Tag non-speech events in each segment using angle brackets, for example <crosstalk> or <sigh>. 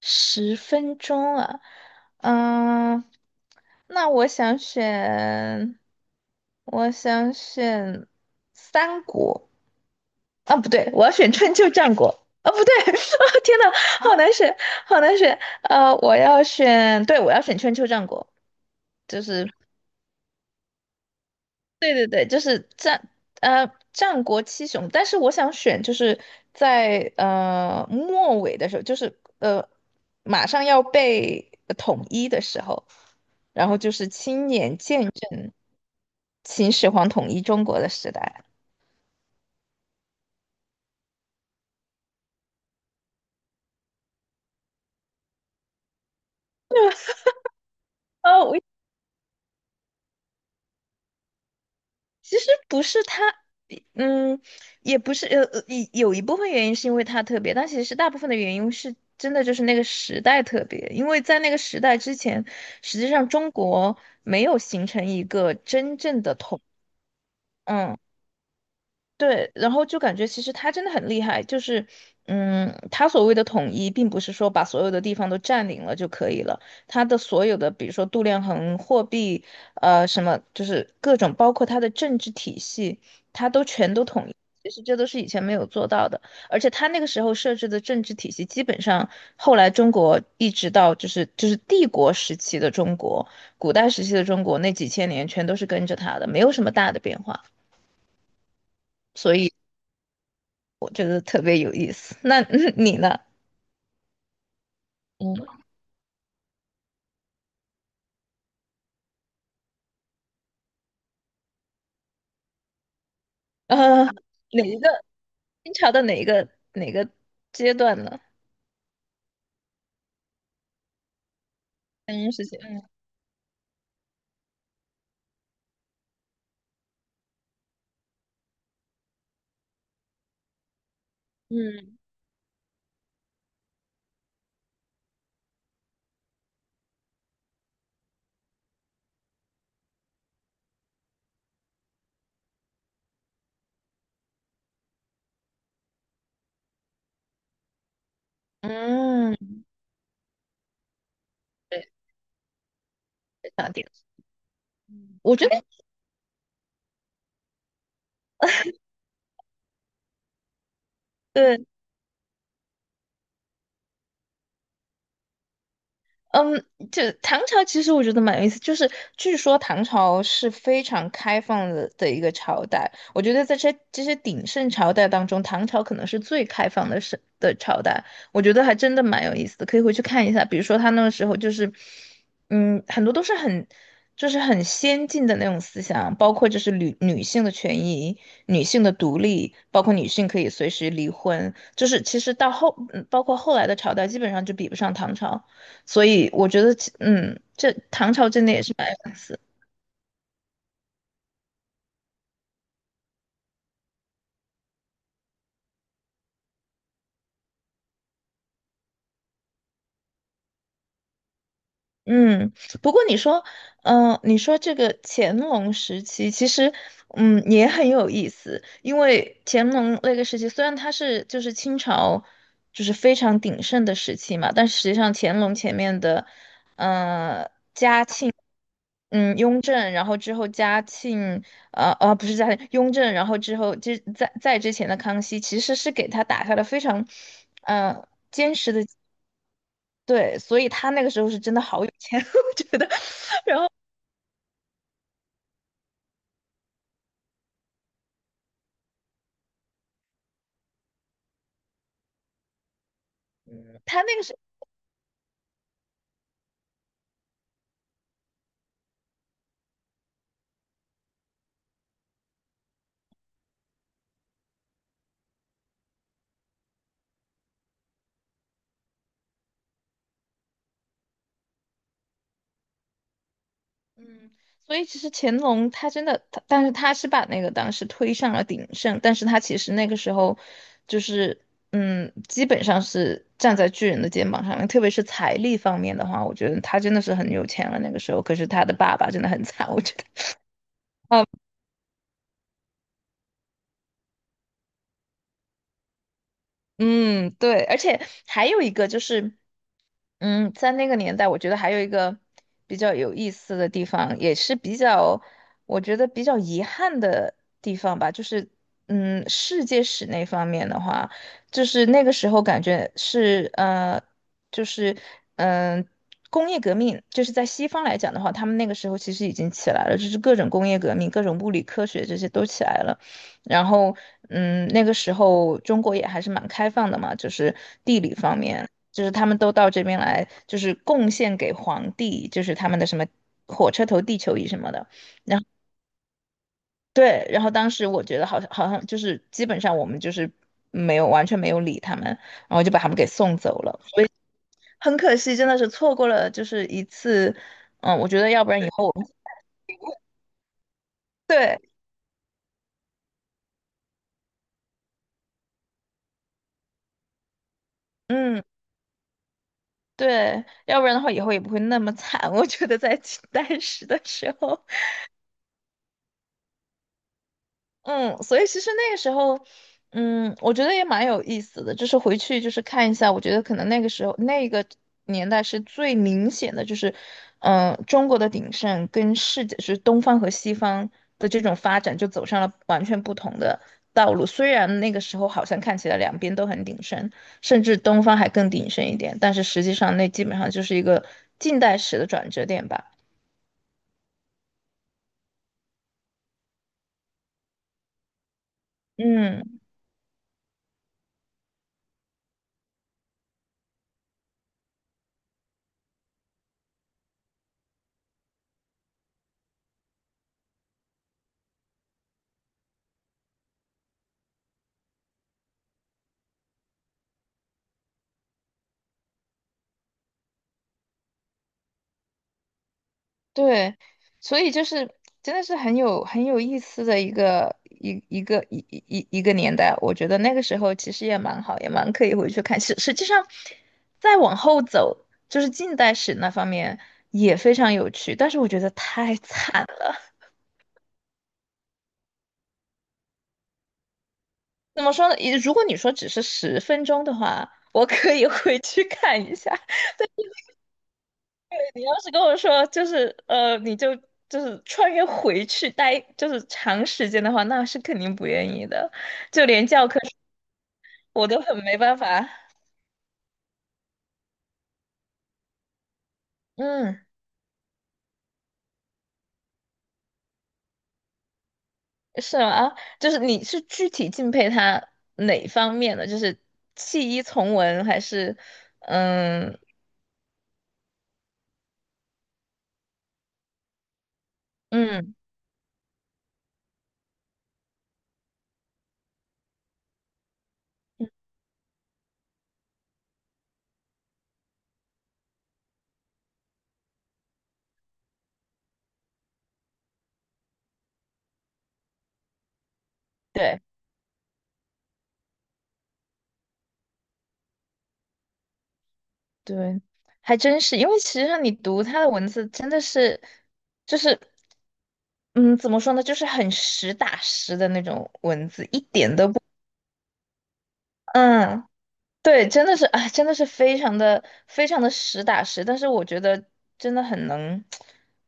十分钟啊。嗯，那我想选三国。啊，不对，我要选春秋战国。啊，不对，<laughs> 啊，天呐，好难选，好难选。我要选，对，我要选春秋战国。就是对对对，就是战国七雄。但是我想选就是在末尾的时候，就是马上要被统一的时候，然后就是亲眼见证秦始皇统一中国的时代。哦，其实不是他。嗯，也不是有一部分原因是因为他特别，但其实大部分的原因是真的就是那个时代特别。因为在那个时代之前，实际上中国没有形成一个真正的统，嗯，对，然后就感觉其实他真的很厉害。就是他所谓的统一，并不是说把所有的地方都占领了就可以了。他的所有的比如说度量衡、货币，什么就是各种，包括他的政治体系。其实这都是以前没有做到的。而且他那个时候设置的政治体系，基本上后来中国一直到就是帝国时期的中国，古代时期的中国那几千年全都是跟着他的，没有什么大的变化。所以我觉得特别有意思。那 <laughs> 你呢？嗯，呃，哪一个清朝的哪个阶段呢？三人时期，嗯嗯嗯，对，非常点，我觉得对。嗯，就唐朝其实我觉得蛮有意思。就是据说唐朝是非常开放的一个朝代。我觉得在这些鼎盛朝代当中，唐朝可能是最开放的是的朝代。我觉得还真的蛮有意思的，可以回去看一下。比如说他那个时候就是，很多都是很就是很先进的那种思想，包括就是女性的权益、女性的独立，包括女性可以随时离婚。就是其实到后，包括后来的朝代基本上就比不上唐朝。所以我觉得，这唐朝真的也是白有意思。嗯，不过你说，你说这个乾隆时期。其实，也很有意思。因为乾隆那个时期，虽然它是就是清朝，就是非常鼎盛的时期嘛。但实际上乾隆前面的，呃，嗯，雍正，然后之后嘉庆，不是嘉庆，雍正，然后之后在之前的康熙，其实是给他打下了非常，呃，坚实的。对，所以他那个时候是真的好有钱。<laughs> 我觉得他那个是，嗯，所以其实乾隆他真的，但是他是把那个当时推上了鼎盛。但是他其实那个时候就是，基本上是站在巨人的肩膀上面，特别是财力方面的话，我觉得他真的是很有钱了那个时候。可是他的爸爸真的很惨，我觉得。啊，嗯，对，而且还有一个就是，在那个年代，我觉得还有一个比较有意思的地方，也是比较，我觉得比较遗憾的地方吧。就是，世界史那方面的话，就是那个时候感觉是，就是，嗯、工业革命，就是在西方来讲的话，他们那个时候其实已经起来了，就是各种工业革命、各种物理科学这些都起来了。然后，那个时候中国也还是蛮开放的嘛。就是地理方面，就是他们都到这边来，就是贡献给皇帝，就是他们的什么火车头地球仪什么的。对，然后当时我觉得好像就是基本上我们就是没有完全没有理他们，然后就把他们给送走了。很可惜，真的是错过了就是一次。我觉得要不然以后我们对，嗯。对，要不然的话以后也不会那么惨，我觉得在当时的时候。嗯，所以其实那个时候，我觉得也蛮有意思的，就是回去就是看一下。我觉得可能那个时候那个年代是最明显的。就是，中国的鼎盛跟世界就是东方和西方的这种发展就走上了完全不同的道路。虽然那个时候好像看起来两边都很鼎盛，甚至东方还更鼎盛一点，但是实际上那基本上就是一个近代史的转折点吧。嗯。对，所以就是真的是很有意思的一个一一个一一一一个年代。我觉得那个时候其实也蛮好，也蛮可以回去看。实际上，再往后走，就是近代史那方面也非常有趣，但是我觉得太惨了。怎么说呢？如果你说只是十分钟的话，我可以回去看一下。你要是跟我说就是就是穿越回去待就是长时间的话，那是肯定不愿意的。就连教科书我都很没办法。嗯，是吗？就是你是具体敬佩他哪方面的？就是弃医从文，还是嗯嗯，对对，还真是。因为其实上你读他的文字真的是，就是嗯，怎么说呢，就是很实打实的那种文字，一点都不。嗯，对，真的是，哎，真的是非常的非常的实打实。但是我觉得真的很能，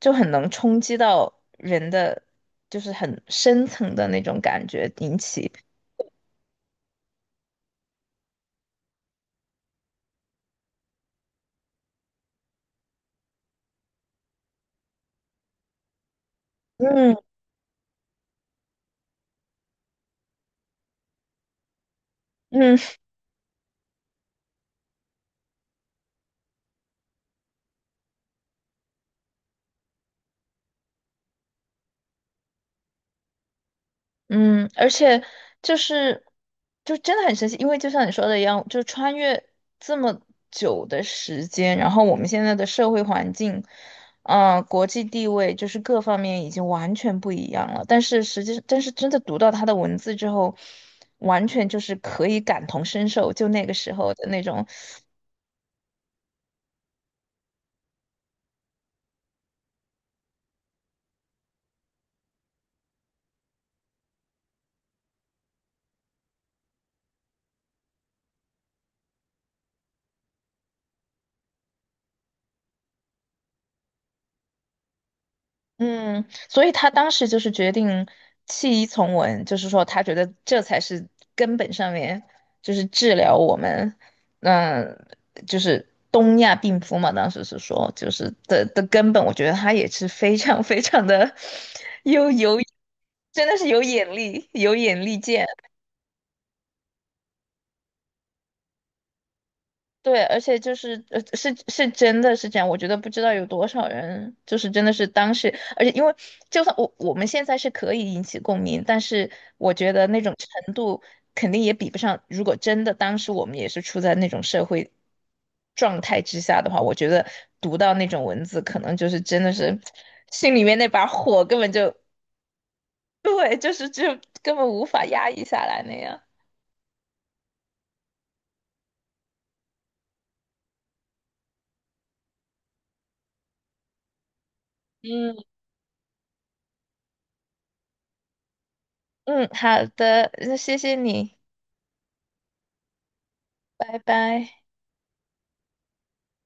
就很能冲击到人的，就是很深层的那种感觉，引起，嗯嗯，嗯，而且就是真的很神奇。因为就像你说的一样，就穿越这么久的时间，然后我们现在的社会环境，国际地位就是各方面已经完全不一样了。但是真的读到他的文字之后，完全就是可以感同身受，就那个时候的那种。嗯。所以他当时就是决定弃医从文，就是说他觉得这才是根本上面，就是治疗我们，嗯、就是东亚病夫嘛。当时是说，就是的根本，我觉得他也是非常非常的 <laughs> 有有，真的是有眼力见。对，而且就是是真的是这样。我觉得不知道有多少人就是真的是当时。而且因为就算我们现在是可以引起共鸣，但是我觉得那种程度肯定也比不上。如果真的当时我们也是处在那种社会状态之下的话，我觉得读到那种文字，可能就是真的是心里面那把火根本就对，就是就根本无法压抑下来那样。嗯。嗯，好的，那谢谢你，拜拜。